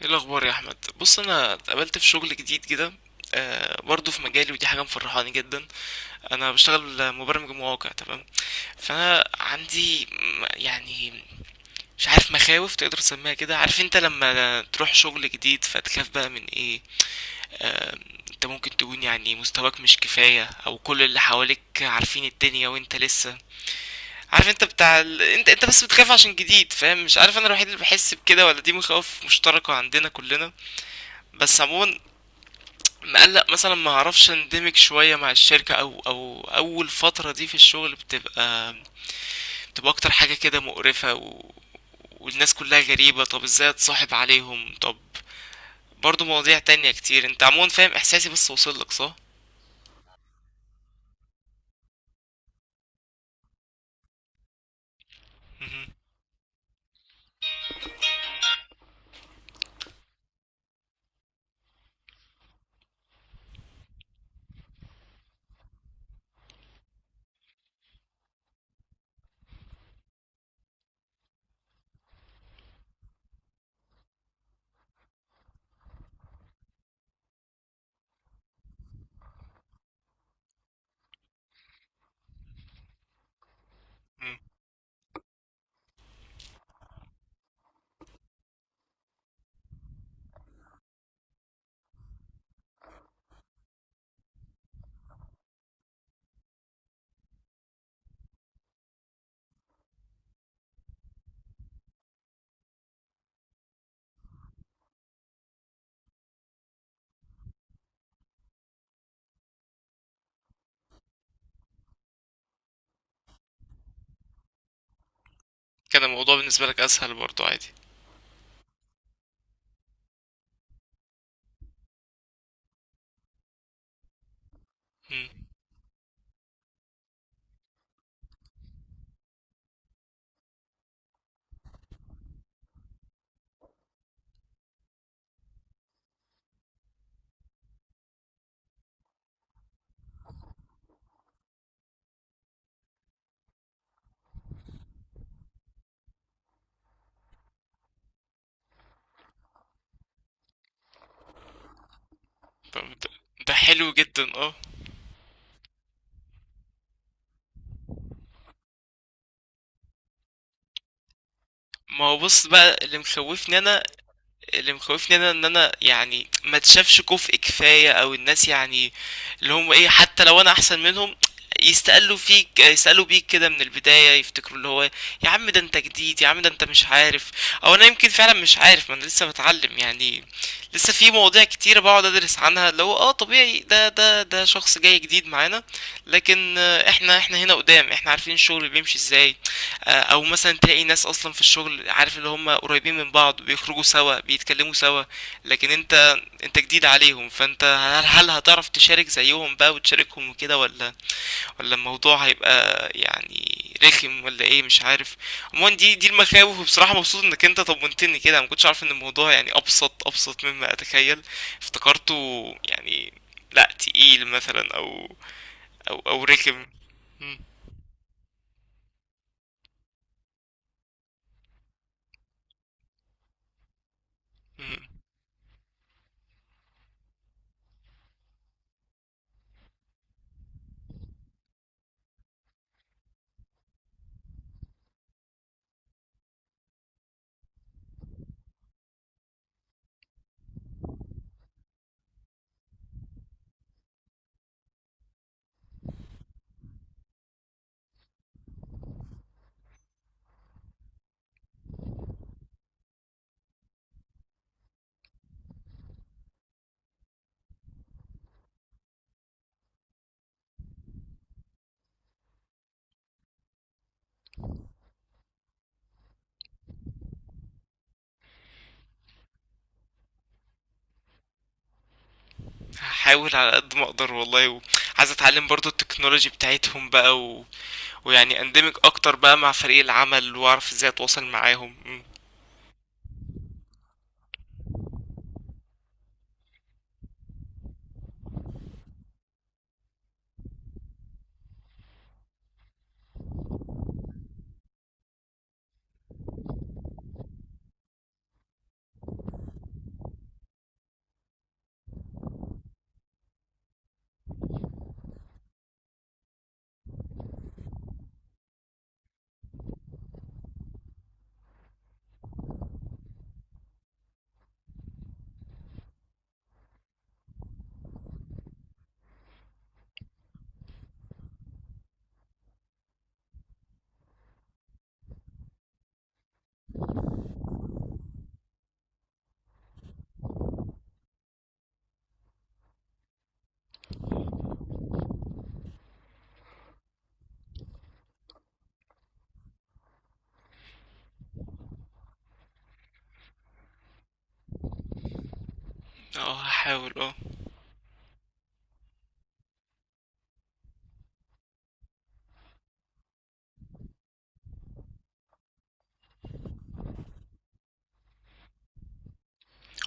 ايه الاخبار يا احمد؟ بص، انا اتقابلت في شغل جديد كده. آه، برضه في مجالي، ودي حاجه مفرحاني جدا. انا بشتغل مبرمج مواقع. تمام. فانا عندي يعني مش عارف مخاوف تقدر تسميها كده. عارف انت لما تروح شغل جديد فتخاف بقى من ايه؟ آه. انت ممكن تكون يعني مستواك مش كفايه، او كل اللي حواليك عارفين الدنيا وانت لسه. عارف انت انت بس بتخاف عشان جديد، فاهم؟ مش عارف، انا الوحيد اللي بحس بكده ولا دي مخاوف مشتركه عندنا كلنا؟ بس عموما مقلق مثلا ما اعرفش اندمج شويه مع الشركه، او اول فتره دي في الشغل بتبقى اكتر حاجه كده مقرفه، والناس كلها غريبه. طب ازاي اتصاحب عليهم؟ طب برضو مواضيع تانية كتير. انت عموما فاهم احساسي، بس وصل لك صح؟ مهم. مم. كان الموضوع بالنسبه لك اسهل برضو، عادي؟ مم. طب ده، ده حلو جدا، اه. ما هو بص بقى، اللي مخوفني انا ان انا يعني ما تشافش كفء كفايه، او الناس يعني اللي هم ايه، حتى لو انا احسن منهم يستقلوا فيك، يسألوا بيك كده من البداية، يفتكروا اللي هو يا عم ده انت جديد، يا عم ده انت مش عارف. او انا يمكن فعلا مش عارف، ما انا لسه بتعلم يعني. لسه في مواضيع كتيرة بقعد ادرس عنها، اللي هو اه طبيعي، ده ده شخص جاي جديد معانا. لكن احنا هنا قدام، احنا عارفين الشغل بيمشي ازاي. آه، او مثلا تلاقي ناس اصلا في الشغل، عارف، اللي هم قريبين من بعض بيخرجوا سوا، بيتكلموا سوا. لكن انت، انت جديد عليهم، فانت هل هتعرف تشارك زيهم بقى وتشاركهم وكده، ولا الموضوع هيبقى يعني رخم ولا ايه؟ مش عارف. عموما دي المخاوف. وبصراحة مبسوط انك انت طمنتني كده، ما كنتش عارف ان الموضوع يعني ابسط ابسط مما اتخيل، افتكرته يعني لا تقيل مثلا، او او رخم. مم. مم. هاحاول على قد ما اقدر والله. وعايز اتعلم برضو التكنولوجي بتاعتهم بقى، ويعني اندمج اكتر بقى مع فريق العمل، واعرف ازاي اتواصل معاهم. مم. اه، هحاول، اه.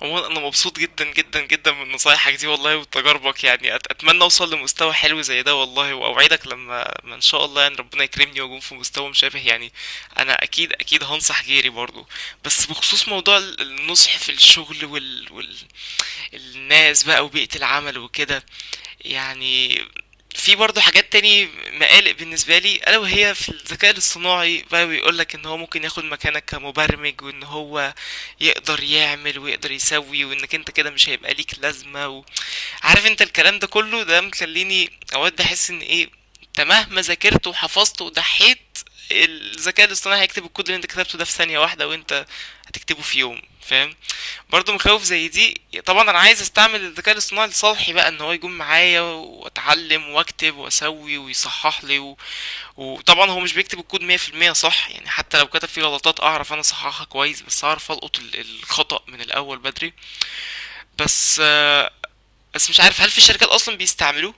عموما انا مبسوط جدا جدا جدا من نصايحك دي والله وتجاربك. يعني اتمنى اوصل لمستوى حلو زي ده والله، واوعدك لما ما ان شاء الله يعني ربنا يكرمني واكون في مستوى مشابه يعني، انا اكيد اكيد هنصح غيري برضو. بس بخصوص موضوع النصح في الشغل، الناس بقى وبيئة العمل وكده، يعني في برضه حاجات تاني مقالق بالنسبة لي، ألا وهي في الذكاء الاصطناعي بقى. بيقولك إن هو ممكن ياخد مكانك كمبرمج، وإن هو يقدر يعمل ويقدر يسوي، وإنك أنت كده مش هيبقى ليك لازمة، عارف انت الكلام ده كله، ده مخليني اوقات بحس ان ايه، انت مهما ذاكرت وحفظت وضحيت، الذكاء الاصطناعي هيكتب الكود اللي انت كتبته ده في ثانية واحدة، وانت هتكتبه في يوم، فاهم؟ برضه مخاوف زي دي. طبعا انا عايز استعمل الذكاء الاصطناعي لصالحي بقى، ان هو يكون معايا واتعلم واكتب واسوي ويصحح لي، وطبعا هو مش بيكتب الكود 100% صح يعني، حتى لو كتب فيه غلطات اعرف انا اصححها كويس، بس اعرف القط الخطأ من الاول بدري. بس آه، بس مش عارف، هل في شركات اصلا بيستعملوه؟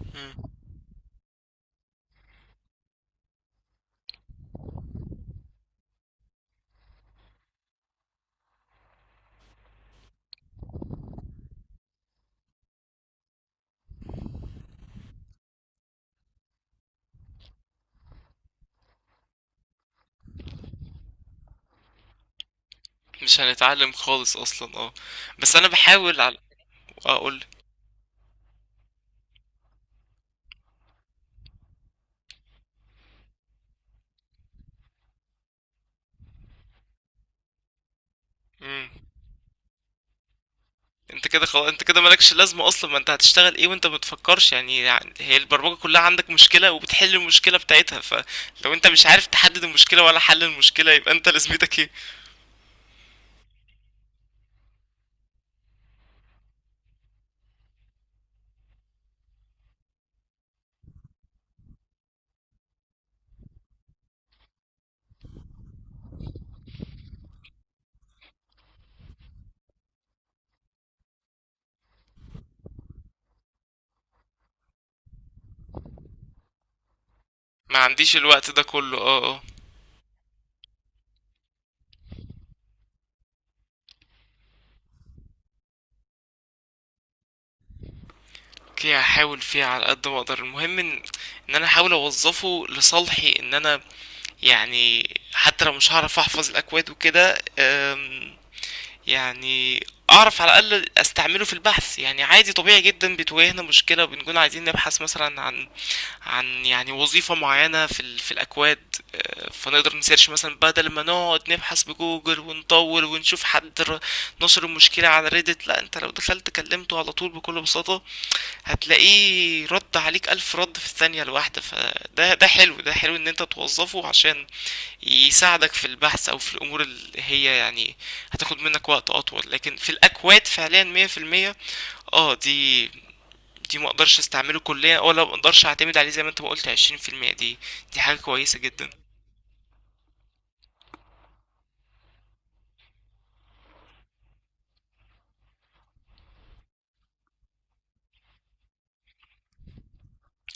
مم. مش هنتعلم خالص اصلا، اه. بس انا بحاول على اقول. امم. انت كده خلاص، انت كده مالكش لازمه اصلا. ما انت هتشتغل ايه وانت ما بتفكرش؟ يعني هي البرمجه كلها عندك مشكله وبتحل المشكله بتاعتها، فلو انت مش عارف تحدد المشكله ولا حل المشكله، يبقى انت لازمتك ايه؟ ما عنديش الوقت ده كله، اه، اه. اوكي، هحاول فيه على قد ما اقدر. المهم ان انا احاول اوظفه لصالحي، ان انا يعني حتى لو مش هعرف احفظ الاكواد وكده، يعني اعرف على الاقل استعمله في البحث. يعني عادي طبيعي جدا، بتواجهنا مشكله بنكون عايزين نبحث مثلا عن يعني وظيفه معينه في الاكواد. آه، فنقدر نسيرش مثلا بدل ما نقعد نبحث بجوجل ونطول ونشوف نشر المشكله على ريدت. لا، انت لو دخلت كلمته على طول بكل بساطه هتلاقيه رد عليك الف رد في الثانيه الواحده. فده حلو، ده حلو ان انت توظفه عشان يساعدك في البحث، او في الامور اللي هي يعني هتاخد منك وقت اطول. لكن في الاكواد فعليا 100%، اه، دي ما اقدرش استعمله كليا ولا ما اقدرش اعتمد عليه، زي ما انت ما قلت 20%. دي حاجة كويسة جدا.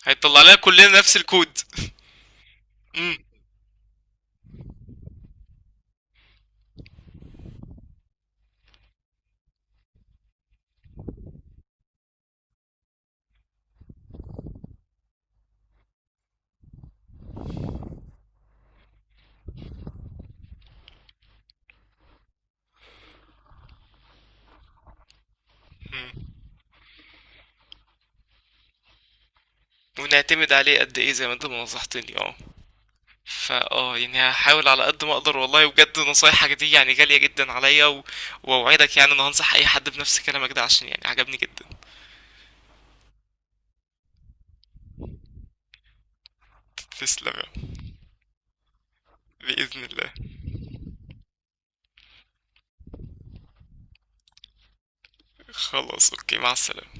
هيطلع لنا كلنا نفس الكود. امم. ونعتمد عليه قد ايه، زي ما انت ما نصحتني، اه. فا، اه، يعني هحاول على قد ما اقدر والله. وبجد نصايحك دي يعني غالية جدا عليا، واوعدك يعني ان هنصح اي حد بنفس كلامك ده، عشان يعني عجبني جدا. تسلم يا عم. بإذن الله. خلاص اوكي، مع السلامة.